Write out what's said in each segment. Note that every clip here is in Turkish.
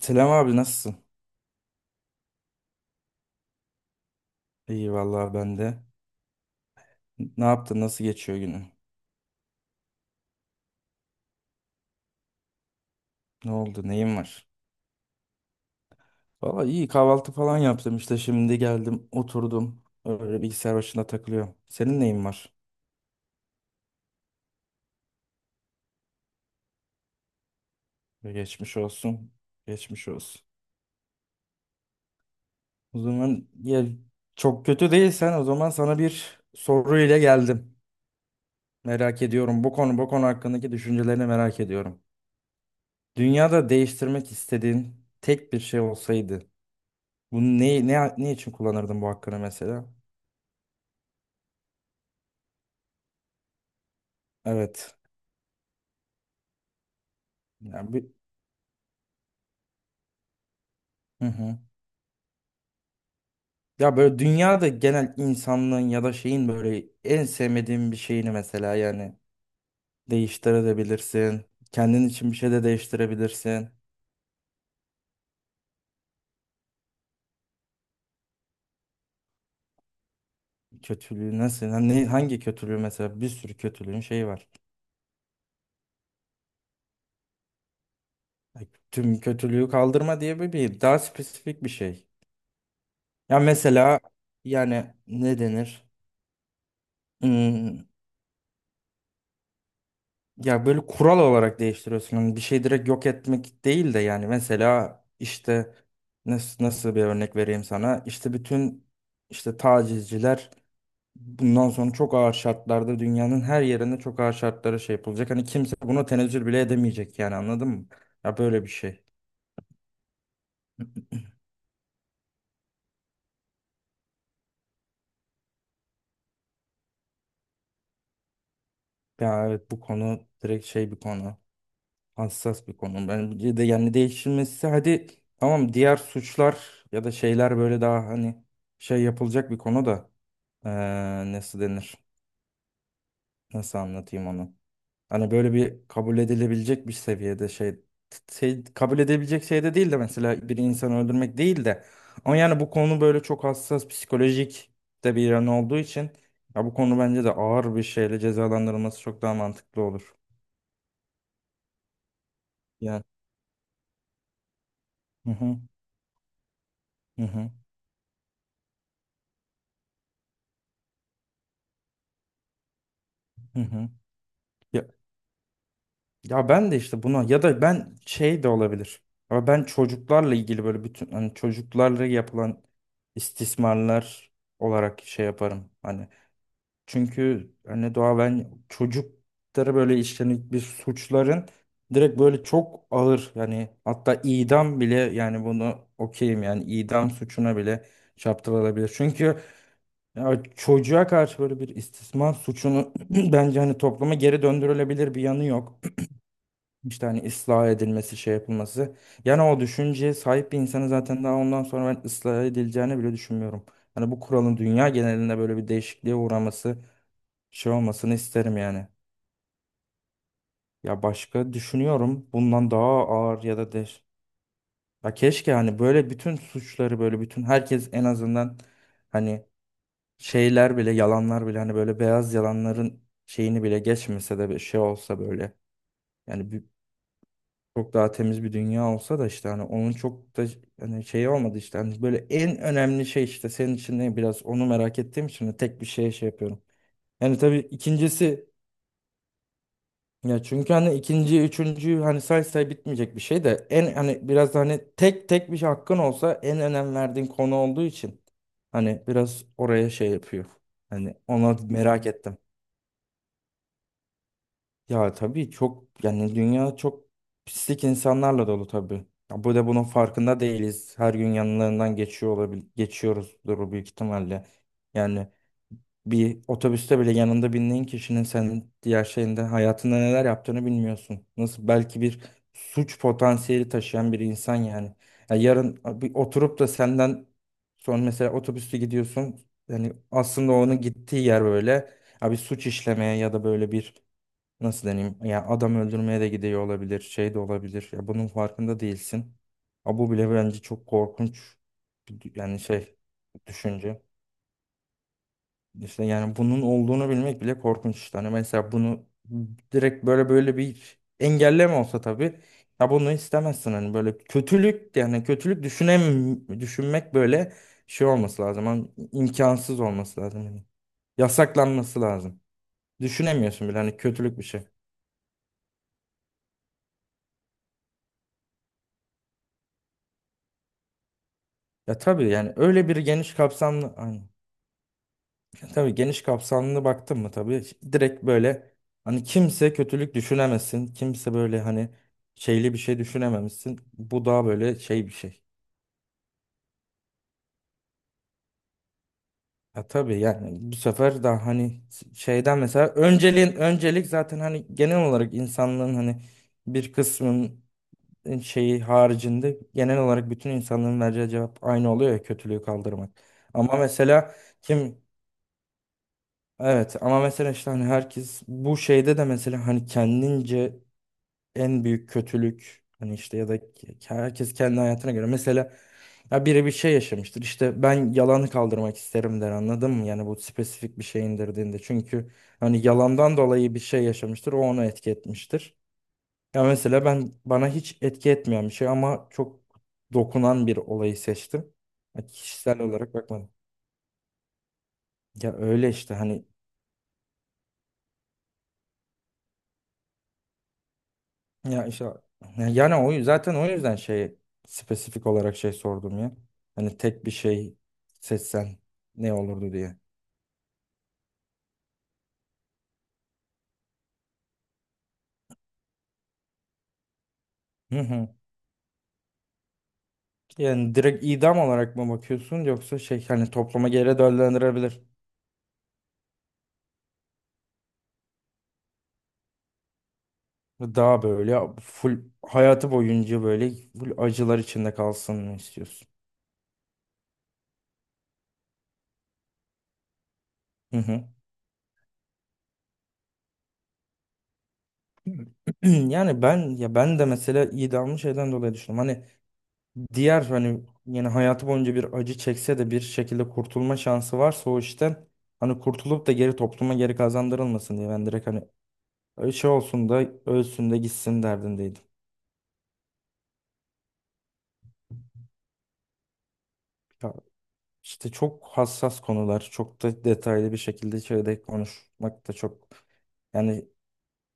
Selam abi, nasılsın? İyi vallahi, ben de. Ne yaptın? Nasıl geçiyor günün? Ne oldu? Neyin var? Valla iyi, kahvaltı falan yaptım, işte şimdi geldim oturdum. Öyle bilgisayar başında takılıyorum. Senin neyin var? Geçmiş olsun. Geçmiş olsun. O zaman ya, çok kötü değilsen o zaman sana bir soru ile geldim. Merak ediyorum. Bu konu hakkındaki düşüncelerini merak ediyorum. Dünyada değiştirmek istediğin tek bir şey olsaydı bunu ne için kullanırdın bu hakkını mesela? Evet. Ya bir, hı hı. Ya böyle dünyada genel insanlığın ya da şeyin böyle en sevmediğin bir şeyini mesela, yani değiştirebilirsin. Kendin için bir şey de değiştirebilirsin. Kötülüğü nasıl? Ha, ne, hangi kötülüğü mesela? Bir sürü kötülüğün şeyi var. Ya, tüm kötülüğü kaldırma diye bir daha spesifik bir şey. Ya mesela yani, ne denir? Hmm, Ya böyle kural olarak değiştiriyorsun. Hani bir şey direkt yok etmek değil de, yani mesela işte nasıl bir örnek vereyim sana? İşte bütün, işte tacizciler bundan sonra çok ağır şartlarda, dünyanın her yerinde çok ağır şartlara şey yapılacak. Hani kimse buna tenezzül bile edemeyecek, yani anladın mı? Ya böyle bir şey. Ya evet, bu konu direkt şey bir konu. Hassas bir konu. Ben bir de yani değişilmesi, hadi tamam diğer suçlar ya da şeyler böyle daha hani şey yapılacak bir konu da. Nasıl denir? Nasıl anlatayım onu? Hani böyle bir kabul edilebilecek bir seviyede şey, şey kabul edebilecek şeyde değil de, mesela bir insanı öldürmek değil de, ama yani bu konu böyle çok hassas, psikolojik de bir yan olduğu için ya, bu konu bence de ağır bir şeyle cezalandırılması çok daha mantıklı olur. Yani hı hı, hı hı, hı, hı. Ya, ya ben de işte buna, ya da ben şey de olabilir. Ama ben çocuklarla ilgili böyle bütün hani çocuklarla yapılan istismarlar olarak şey yaparım. Hani, çünkü hani doğa, ben çocuklara böyle işlenip bir suçların direkt böyle çok ağır, yani hatta idam bile, yani bunu okeyim, yani idam suçuna bile çarptırılabilir. Çünkü ya çocuğa karşı böyle bir istismar suçunu bence hani topluma geri döndürülebilir bir yanı yok. İşte hani ıslah edilmesi, şey yapılması. Yani o düşünceye sahip bir insanı zaten daha ondan sonra ben ıslah edileceğini bile düşünmüyorum. Hani bu kuralın dünya genelinde böyle bir değişikliğe uğraması, şey olmasını isterim yani. Ya başka düşünüyorum bundan daha ağır ya da de. Ya keşke hani böyle bütün suçları, böyle bütün herkes en azından hani şeyler bile, yalanlar bile, hani böyle beyaz yalanların şeyini bile geçmese de bir şey olsa böyle. Yani çok daha temiz bir dünya olsa da, işte hani onun çok da hani şeyi olmadı, işte hani böyle en önemli şey, işte senin için ne biraz onu merak ettiğim için de tek bir şeye şey yapıyorum. Yani tabii ikincisi, ya çünkü hani ikinci, üçüncü hani say say bitmeyecek bir şey de, en hani biraz da hani tek tek bir şey hakkın olsa en önem verdiğin konu olduğu için hani biraz oraya şey yapıyor. Hani ona merak ettim. Ya tabii çok, yani dünya çok pislik insanlarla dolu tabii. Ya bu da bunun farkında değiliz. Her gün yanlarından geçiyor olabil, geçiyoruzdur büyük ihtimalle. Yani bir otobüste bile yanında bindiğin kişinin senin diğer şeyinde, hayatında neler yaptığını bilmiyorsun. Nasıl, belki bir suç potansiyeli taşıyan bir insan yani. Ya yarın bir oturup da senden sonra, mesela otobüste gidiyorsun. Yani aslında onun gittiği yer böyle. Ya bir suç işlemeye, ya da böyle bir nasıl deneyim? Ya adam öldürmeye de gidiyor olabilir, şey de olabilir. Ya bunun farkında değilsin. Ha bu bile bence çok korkunç. Yani şey, düşünce. İşte yani bunun olduğunu bilmek bile korkunç işte. Hani mesela bunu direkt böyle bir engelleme olsa tabii. Ya bunu istemezsin hani, böyle kötülük, yani kötülük düşünmek böyle şey olması lazım. Hani imkansız olması lazım. Yani yasaklanması lazım. Düşünemiyorsun bile hani kötülük bir şey. Ya tabii yani öyle bir geniş kapsamlı hani, tabii geniş kapsamlı baktın mı, tabii direkt böyle hani kimse kötülük düşünemesin. Kimse böyle hani şeyli bir şey düşünememişsin. Bu daha böyle şey bir şey. Ya tabii yani bu sefer daha hani şeyden mesela önceliğin, öncelik zaten hani genel olarak insanlığın hani bir kısmın şeyi haricinde genel olarak bütün insanlığın vereceği cevap aynı oluyor ya, kötülüğü kaldırmak. Ama mesela kim, evet ama mesela işte hani herkes bu şeyde de mesela hani kendince en büyük kötülük hani işte, ya da herkes kendi hayatına göre mesela ya biri bir şey yaşamıştır işte, ben yalanı kaldırmak isterim der, anladın mı? Yani bu spesifik bir şey indirdiğinde çünkü hani yalandan dolayı bir şey yaşamıştır, o onu etki etmiştir. Ya mesela ben bana hiç etki etmeyen bir şey ama çok dokunan bir olayı seçtim. Ya kişisel olarak bakmadım. Ya öyle işte hani, ya işte yani o zaten o yüzden şey, spesifik olarak şey sordum ya. Hani tek bir şey seçsen ne olurdu diye. Hı hı. Yani direkt idam olarak mı bakıyorsun, yoksa şey hani topluma geri döndürebilir. Daha böyle full hayatı boyunca böyle full acılar içinde kalsın mı istiyorsun? Hı hı. Yani ben, ya ben de mesela idamı şeyden dolayı düşündüm. Hani diğer hani yani hayatı boyunca bir acı çekse de bir şekilde kurtulma şansı varsa o işten hani kurtulup da geri topluma geri kazandırılmasın diye ben direkt hani şey olsun da ölsün de gitsin derdindeydim. Ya işte çok hassas konular, çok da detaylı bir şekilde şeyde konuşmak da çok, yani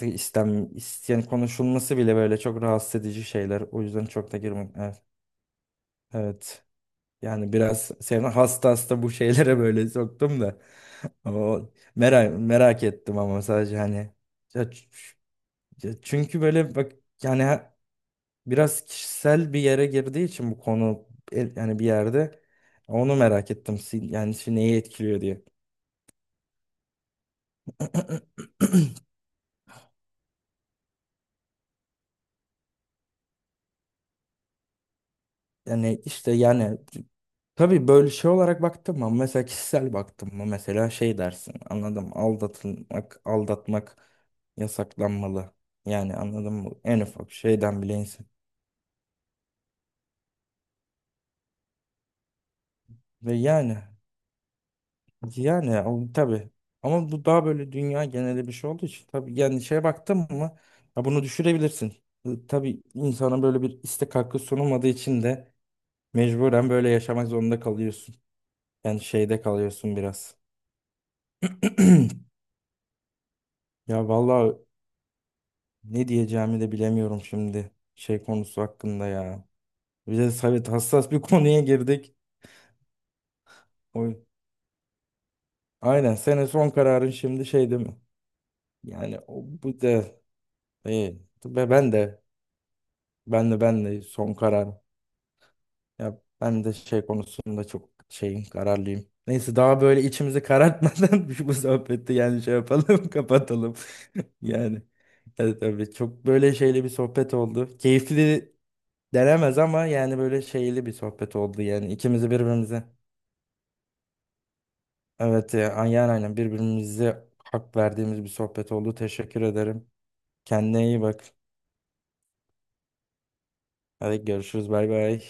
de istem isteyen konuşulması bile böyle çok rahatsız edici şeyler. O yüzden çok da girmek. Evet. Evet. Yani biraz seni hasta hasta bu şeylere böyle soktum da. O merak ettim ama sadece hani, ya ç- ya çünkü böyle bak, yani biraz kişisel bir yere girdiği için bu konu yani bir yerde onu merak ettim, yani şimdi neyi etkiliyor diye. Yani işte yani tabii böyle şey olarak baktım mı, mesela kişisel baktım mı mesela şey dersin, anladım, aldatılmak, aldatmak yasaklanmalı, yani anladın mı en ufak şeyden bile insan ve yani, yani tabii. Ama bu daha böyle dünya geneli bir şey olduğu için tabii yani şeye baktın mı ya bunu düşürebilirsin. Tabii insana böyle bir istek hakkı sunulmadığı için de mecburen böyle yaşamak zorunda kalıyorsun. Yani şeyde kalıyorsun biraz. Ya vallahi ne diyeceğimi de bilemiyorum şimdi şey konusu hakkında ya. Bir de evet, hassas bir konuya girdik. O, aynen, senin son kararın şimdi şey değil mi? Yani o, bu da e, ben de, ben de son karar. Ya ben de şey konusunda çok şeyim, kararlıyım. Neyse, daha böyle içimizi karartmadan bu sohbeti yani şey yapalım, kapatalım. Yani evet, tabii çok böyle şeyli bir sohbet oldu. Keyifli denemez ama yani böyle şeyli bir sohbet oldu, yani ikimizi birbirimize. Evet, aynen, aynen birbirimize hak verdiğimiz bir sohbet oldu. Teşekkür ederim. Kendine iyi bak. Hadi görüşürüz, bay bay.